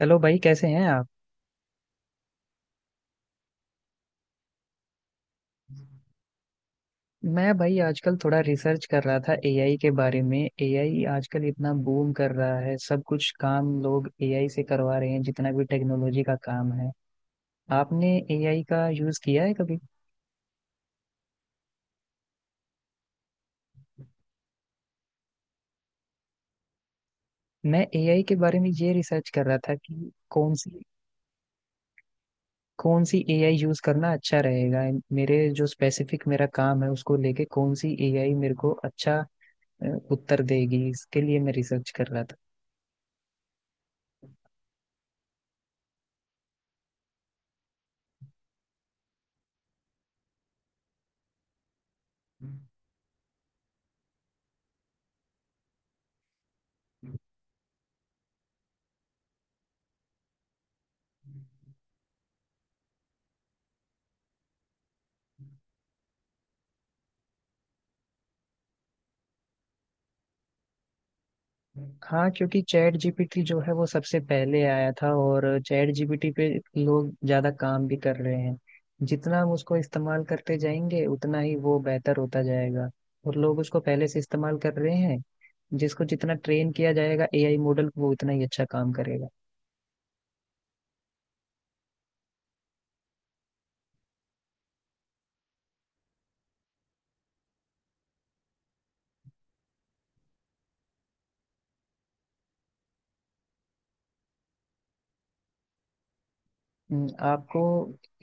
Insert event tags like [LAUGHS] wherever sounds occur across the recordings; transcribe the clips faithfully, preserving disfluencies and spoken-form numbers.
Hello भाई, कैसे हैं आप? मैं भाई आजकल थोड़ा रिसर्च कर रहा था एआई के बारे में। एआई आजकल इतना बूम कर रहा है, सब कुछ काम लोग एआई से करवा रहे हैं जितना भी टेक्नोलॉजी का काम है। आपने एआई का यूज किया है कभी? मैं एआई के बारे में ये रिसर्च कर रहा था कि कौन सी कौन सी एआई यूज करना अच्छा रहेगा। मेरे जो स्पेसिफिक मेरा काम है उसको लेके कौन सी एआई मेरे को अच्छा अ, उत्तर देगी, इसके लिए मैं रिसर्च कर रहा था। हाँ क्योंकि चैट जीपीटी जो है वो सबसे पहले आया था और चैट जीपीटी पे लोग ज्यादा काम भी कर रहे हैं। जितना हम उसको इस्तेमाल करते जाएंगे उतना ही वो बेहतर होता जाएगा और लोग उसको पहले से इस्तेमाल कर रहे हैं। जिसको जितना ट्रेन किया जाएगा एआई मॉडल को, वो उतना ही अच्छा काम करेगा। हम्म, आपको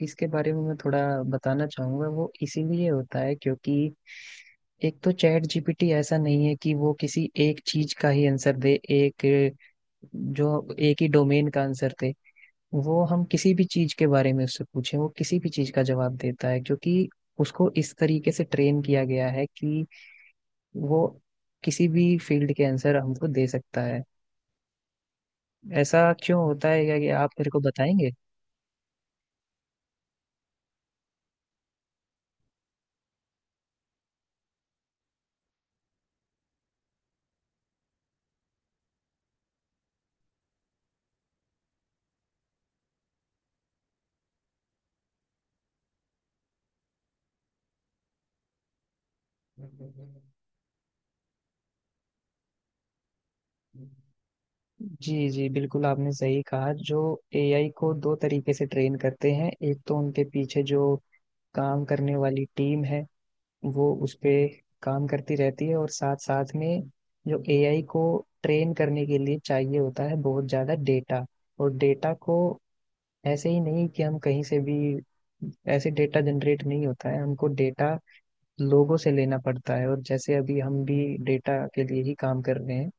इसके बारे में मैं थोड़ा बताना चाहूंगा। वो इसीलिए होता है क्योंकि एक तो चैट जीपीटी ऐसा नहीं है कि वो किसी एक चीज का ही आंसर दे। एक जो एक ही डोमेन का आंसर थे वो हम किसी भी चीज के बारे में उससे पूछें वो किसी भी चीज का जवाब देता है क्योंकि उसको इस तरीके से ट्रेन किया गया है कि वो किसी भी फील्ड के आंसर हमको दे सकता है। ऐसा क्यों होता है क्या कि आप मेरे को बताएंगे? जी जी बिल्कुल, आपने सही कहा। जो एआई को दो तरीके से ट्रेन करते हैं, एक तो उनके पीछे जो काम करने वाली टीम है वो उस पे काम करती रहती है, और साथ साथ में जो एआई को ट्रेन करने के लिए चाहिए होता है बहुत ज़्यादा डेटा। और डेटा को ऐसे ही नहीं कि हम कहीं से भी, ऐसे डेटा जनरेट नहीं होता है, हमको डेटा लोगों से लेना पड़ता है और जैसे अभी हम भी डेटा के लिए ही काम कर रहे हैं।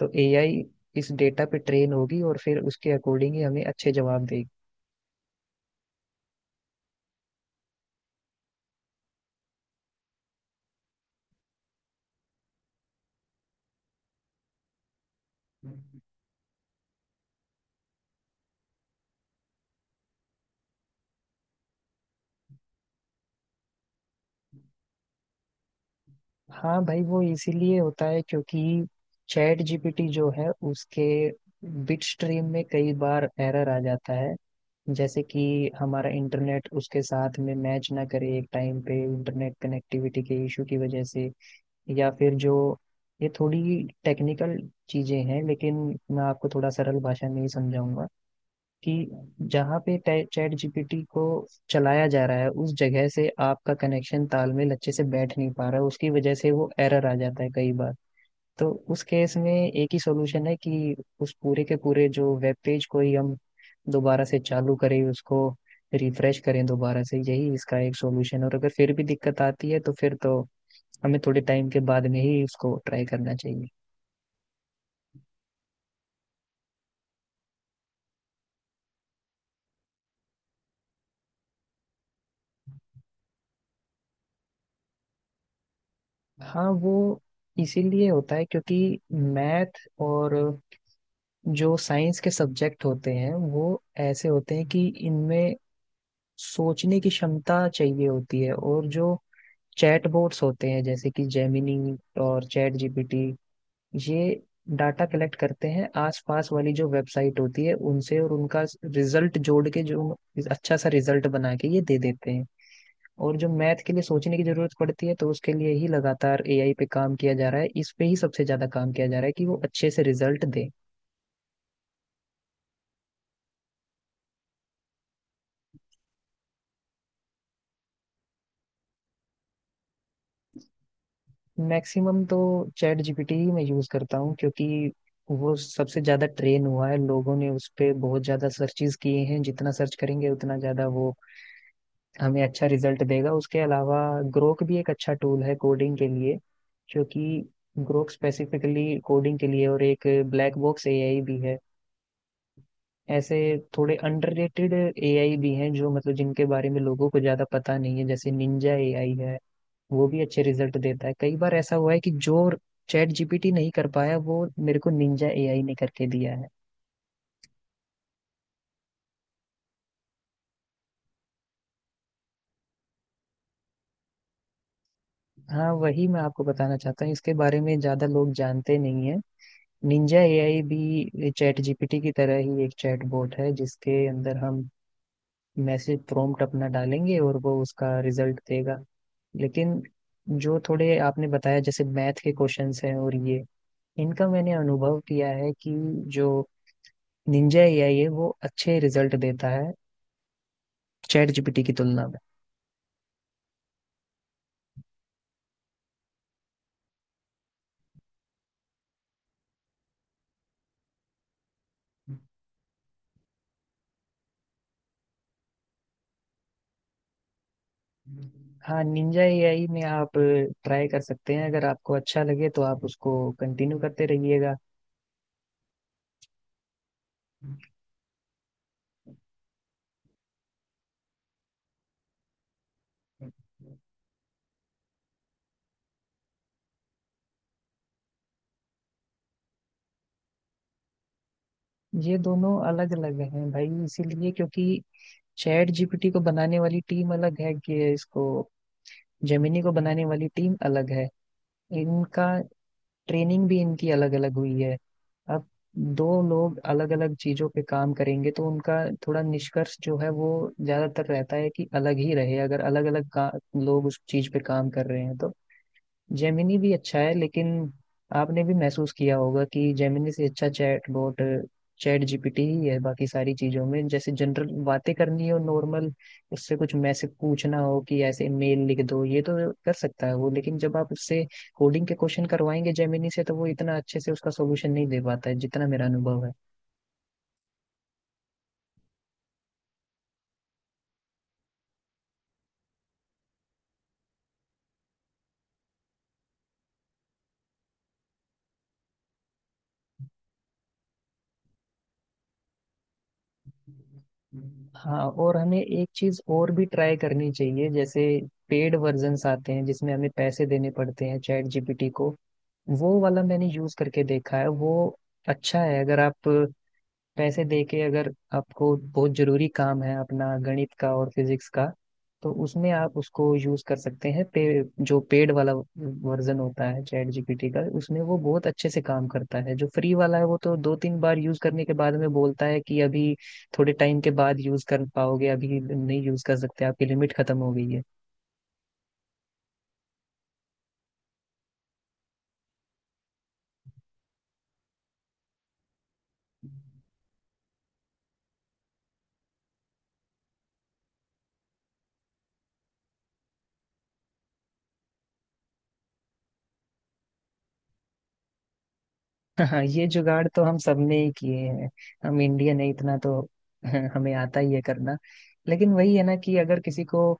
तो एआई इस डेटा पे ट्रेन होगी और फिर उसके अकॉर्डिंग ही हमें अच्छे जवाब देगी। हाँ भाई, वो इसीलिए होता है क्योंकि चैट जीपीटी जो है उसके बिट स्ट्रीम में कई बार एरर आ जाता है। जैसे कि हमारा इंटरनेट उसके साथ में मैच ना करे एक टाइम पे, इंटरनेट कनेक्टिविटी के इशू की वजह से। या फिर जो ये थोड़ी टेक्निकल चीजें हैं, लेकिन मैं आपको थोड़ा सरल भाषा में ही समझाऊंगा कि जहाँ पे चैट जीपीटी को चलाया जा रहा है उस जगह से आपका कनेक्शन तालमेल अच्छे से बैठ नहीं पा रहा है उसकी वजह से वो एरर आ जाता है कई बार। तो उस केस में एक ही सॉल्यूशन है कि उस पूरे के पूरे जो वेब पेज को ही हम दोबारा से चालू करें, उसको रिफ्रेश करें दोबारा से, यही इसका एक सॉल्यूशन है। और अगर फिर भी दिक्कत आती है तो फिर तो हमें थोड़े टाइम के बाद में ही उसको ट्राई करना चाहिए। हाँ वो इसीलिए होता है क्योंकि मैथ और जो साइंस के सब्जेक्ट होते हैं वो ऐसे होते हैं कि इनमें सोचने की क्षमता चाहिए होती है। और जो चैट बोट्स होते हैं जैसे कि जेमिनी और चैट जीपीटी, ये डाटा कलेक्ट करते हैं आसपास वाली जो वेबसाइट होती है उनसे और उनका रिजल्ट जोड़ के जो अच्छा सा रिजल्ट बना के ये दे देते हैं। और जो मैथ के लिए सोचने की जरूरत पड़ती है तो उसके लिए ही लगातार एआई पे काम किया जा रहा है, इस पे ही सबसे ज्यादा काम किया जा रहा है कि वो अच्छे से रिजल्ट दे। मैक्सिमम तो चैट जीपीटी ही मैं यूज करता हूँ क्योंकि वो सबसे ज्यादा ट्रेन हुआ है, लोगों ने उस पे बहुत ज्यादा सर्चेस किए हैं, जितना सर्च करेंगे उतना ज्यादा वो हमें अच्छा रिजल्ट देगा। उसके अलावा ग्रोक भी एक अच्छा टूल है कोडिंग के लिए क्योंकि ग्रोक स्पेसिफिकली कोडिंग के लिए, और एक ब्लैक बॉक्स एआई भी है। ऐसे थोड़े अंडररेटेड एआई भी हैं जो मतलब जिनके बारे में लोगों को ज्यादा पता नहीं है, जैसे निंजा एआई है। वो भी अच्छे रिजल्ट देता है, कई बार ऐसा हुआ है कि जो चैट जीपीटी नहीं कर पाया वो मेरे को निंजा एआई ने करके दिया है। हाँ वही मैं आपको बताना चाहता हूँ, इसके बारे में ज्यादा लोग जानते नहीं है। निंजा एआई भी चैट जीपीटी की तरह ही एक चैट बॉट है जिसके अंदर हम मैसेज प्रॉम्प्ट अपना डालेंगे और वो उसका रिजल्ट देगा। लेकिन जो थोड़े आपने बताया जैसे मैथ के क्वेश्चंस हैं और ये इनका मैंने अनुभव किया है कि जो निंजा एआई है वो अच्छे रिजल्ट देता है चैट जीपीटी की तुलना में। हाँ निंजा एआई में आप ट्राई कर सकते हैं, अगर आपको अच्छा लगे तो आप उसको कंटिन्यू करते रहिएगा। ये दोनों अलग अलग हैं भाई, इसीलिए क्योंकि चैट जीपीटी को बनाने वाली टीम अलग है कि इसको, जेमिनी को बनाने वाली टीम अलग है। इनका ट्रेनिंग भी इनकी अलग अलग हुई है। अब दो लोग अलग अलग चीजों पे काम करेंगे तो उनका थोड़ा निष्कर्ष जो है वो ज्यादातर रहता है कि अलग ही रहे, अगर अलग अलग लोग उस चीज पे काम कर रहे हैं तो। जेमिनी भी अच्छा है लेकिन आपने भी महसूस किया होगा कि जेमिनी से अच्छा चैट बोट चैट जीपीटी ही है, बाकी सारी चीजों में जैसे जनरल बातें करनी हो नॉर्मल, उससे कुछ मैसेज पूछना हो कि ऐसे मेल लिख दो, ये तो कर सकता है वो। लेकिन जब आप उससे कोडिंग के क्वेश्चन करवाएंगे जेमिनी से तो वो इतना अच्छे से उसका सोल्यूशन नहीं दे पाता है जितना मेरा अनुभव है। हाँ और हमें एक चीज और भी ट्राई करनी चाहिए, जैसे पेड वर्जन्स आते हैं जिसमें हमें पैसे देने पड़ते हैं चैट जीपीटी को, वो वाला मैंने यूज करके देखा है वो अच्छा है। अगर आप पैसे दे के, अगर आपको बहुत जरूरी काम है अपना गणित का और फिजिक्स का तो उसमें आप उसको यूज कर सकते हैं। पे, जो पेड वाला वर्जन होता है चैट जीपीटी का उसमें वो बहुत अच्छे से काम करता है। जो फ्री वाला है वो तो दो तीन बार यूज करने के बाद में बोलता है कि अभी थोड़े टाइम के बाद यूज कर पाओगे, अभी नहीं यूज कर सकते, आपकी लिमिट खत्म हो गई है। हाँ ये जुगाड़ तो हम सबने ही किए हैं, हम इंडियन है इतना तो [LAUGHS] हमें आता ही है करना। लेकिन वही है ना कि अगर किसी को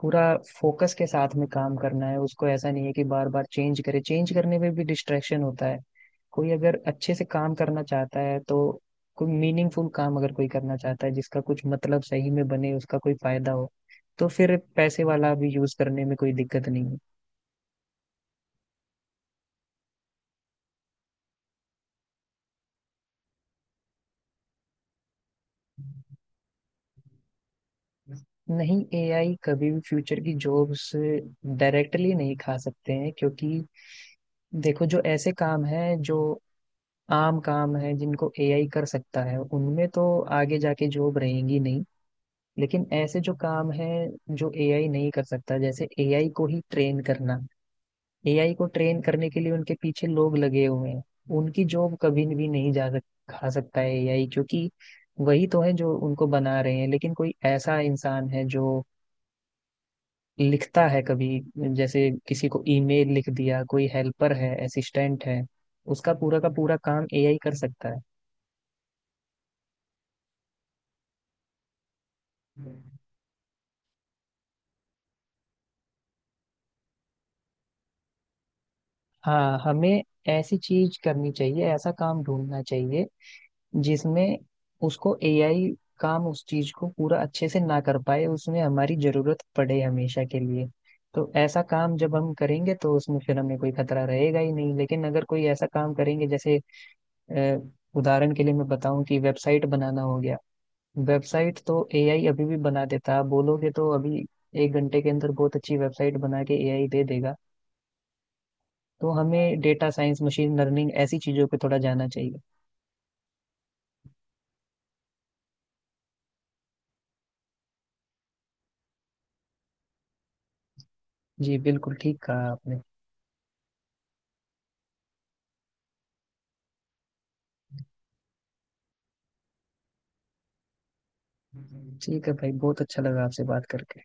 पूरा फोकस के साथ में काम करना है उसको ऐसा नहीं है कि बार बार चेंज करे, चेंज करने में भी डिस्ट्रैक्शन होता है। कोई अगर अच्छे से काम करना चाहता है तो, कोई मीनिंगफुल काम अगर कोई करना चाहता है जिसका कुछ मतलब सही में बने उसका कोई फायदा हो तो फिर पैसे वाला भी यूज करने में कोई दिक्कत नहीं है। नहीं एआई कभी भी फ्यूचर की जॉब्स डायरेक्टली नहीं खा सकते हैं क्योंकि देखो जो ऐसे काम हैं जो आम काम हैं जिनको एआई कर सकता है उनमें तो आगे जाके जॉब रहेंगी नहीं। लेकिन ऐसे जो काम हैं जो एआई नहीं कर सकता जैसे एआई को ही ट्रेन करना, एआई को ट्रेन करने के लिए उनके पीछे लोग लगे हुए हैं उनकी जॉब कभी भी नहीं जा सक, खा सकता है एआई क्योंकि वही तो है जो उनको बना रहे हैं। लेकिन कोई ऐसा इंसान है जो लिखता है कभी, जैसे किसी को ईमेल लिख दिया, कोई हेल्पर है, असिस्टेंट है, उसका पूरा का पूरा काम एआई कर सकता है। हाँ हमें ऐसी चीज करनी चाहिए, ऐसा काम ढूंढना चाहिए जिसमें उसको एआई काम उस चीज को पूरा अच्छे से ना कर पाए, उसमें हमारी जरूरत पड़े हमेशा के लिए। तो ऐसा काम जब हम करेंगे तो उसमें फिर हमें कोई खतरा रहेगा ही नहीं, लेकिन अगर कोई ऐसा काम करेंगे जैसे अ, उदाहरण के लिए मैं बताऊं कि वेबसाइट बनाना हो गया। वेबसाइट तो एआई अभी भी बना देता है। आप बोलोगे तो अभी एक घंटे के अंदर बहुत अच्छी वेबसाइट बना के एआई दे देगा। तो हमें डेटा साइंस मशीन लर्निंग ऐसी चीजों पे थोड़ा जाना चाहिए। जी बिल्कुल ठीक कहा आपने। ठीक है भाई, बहुत अच्छा लगा आपसे बात करके।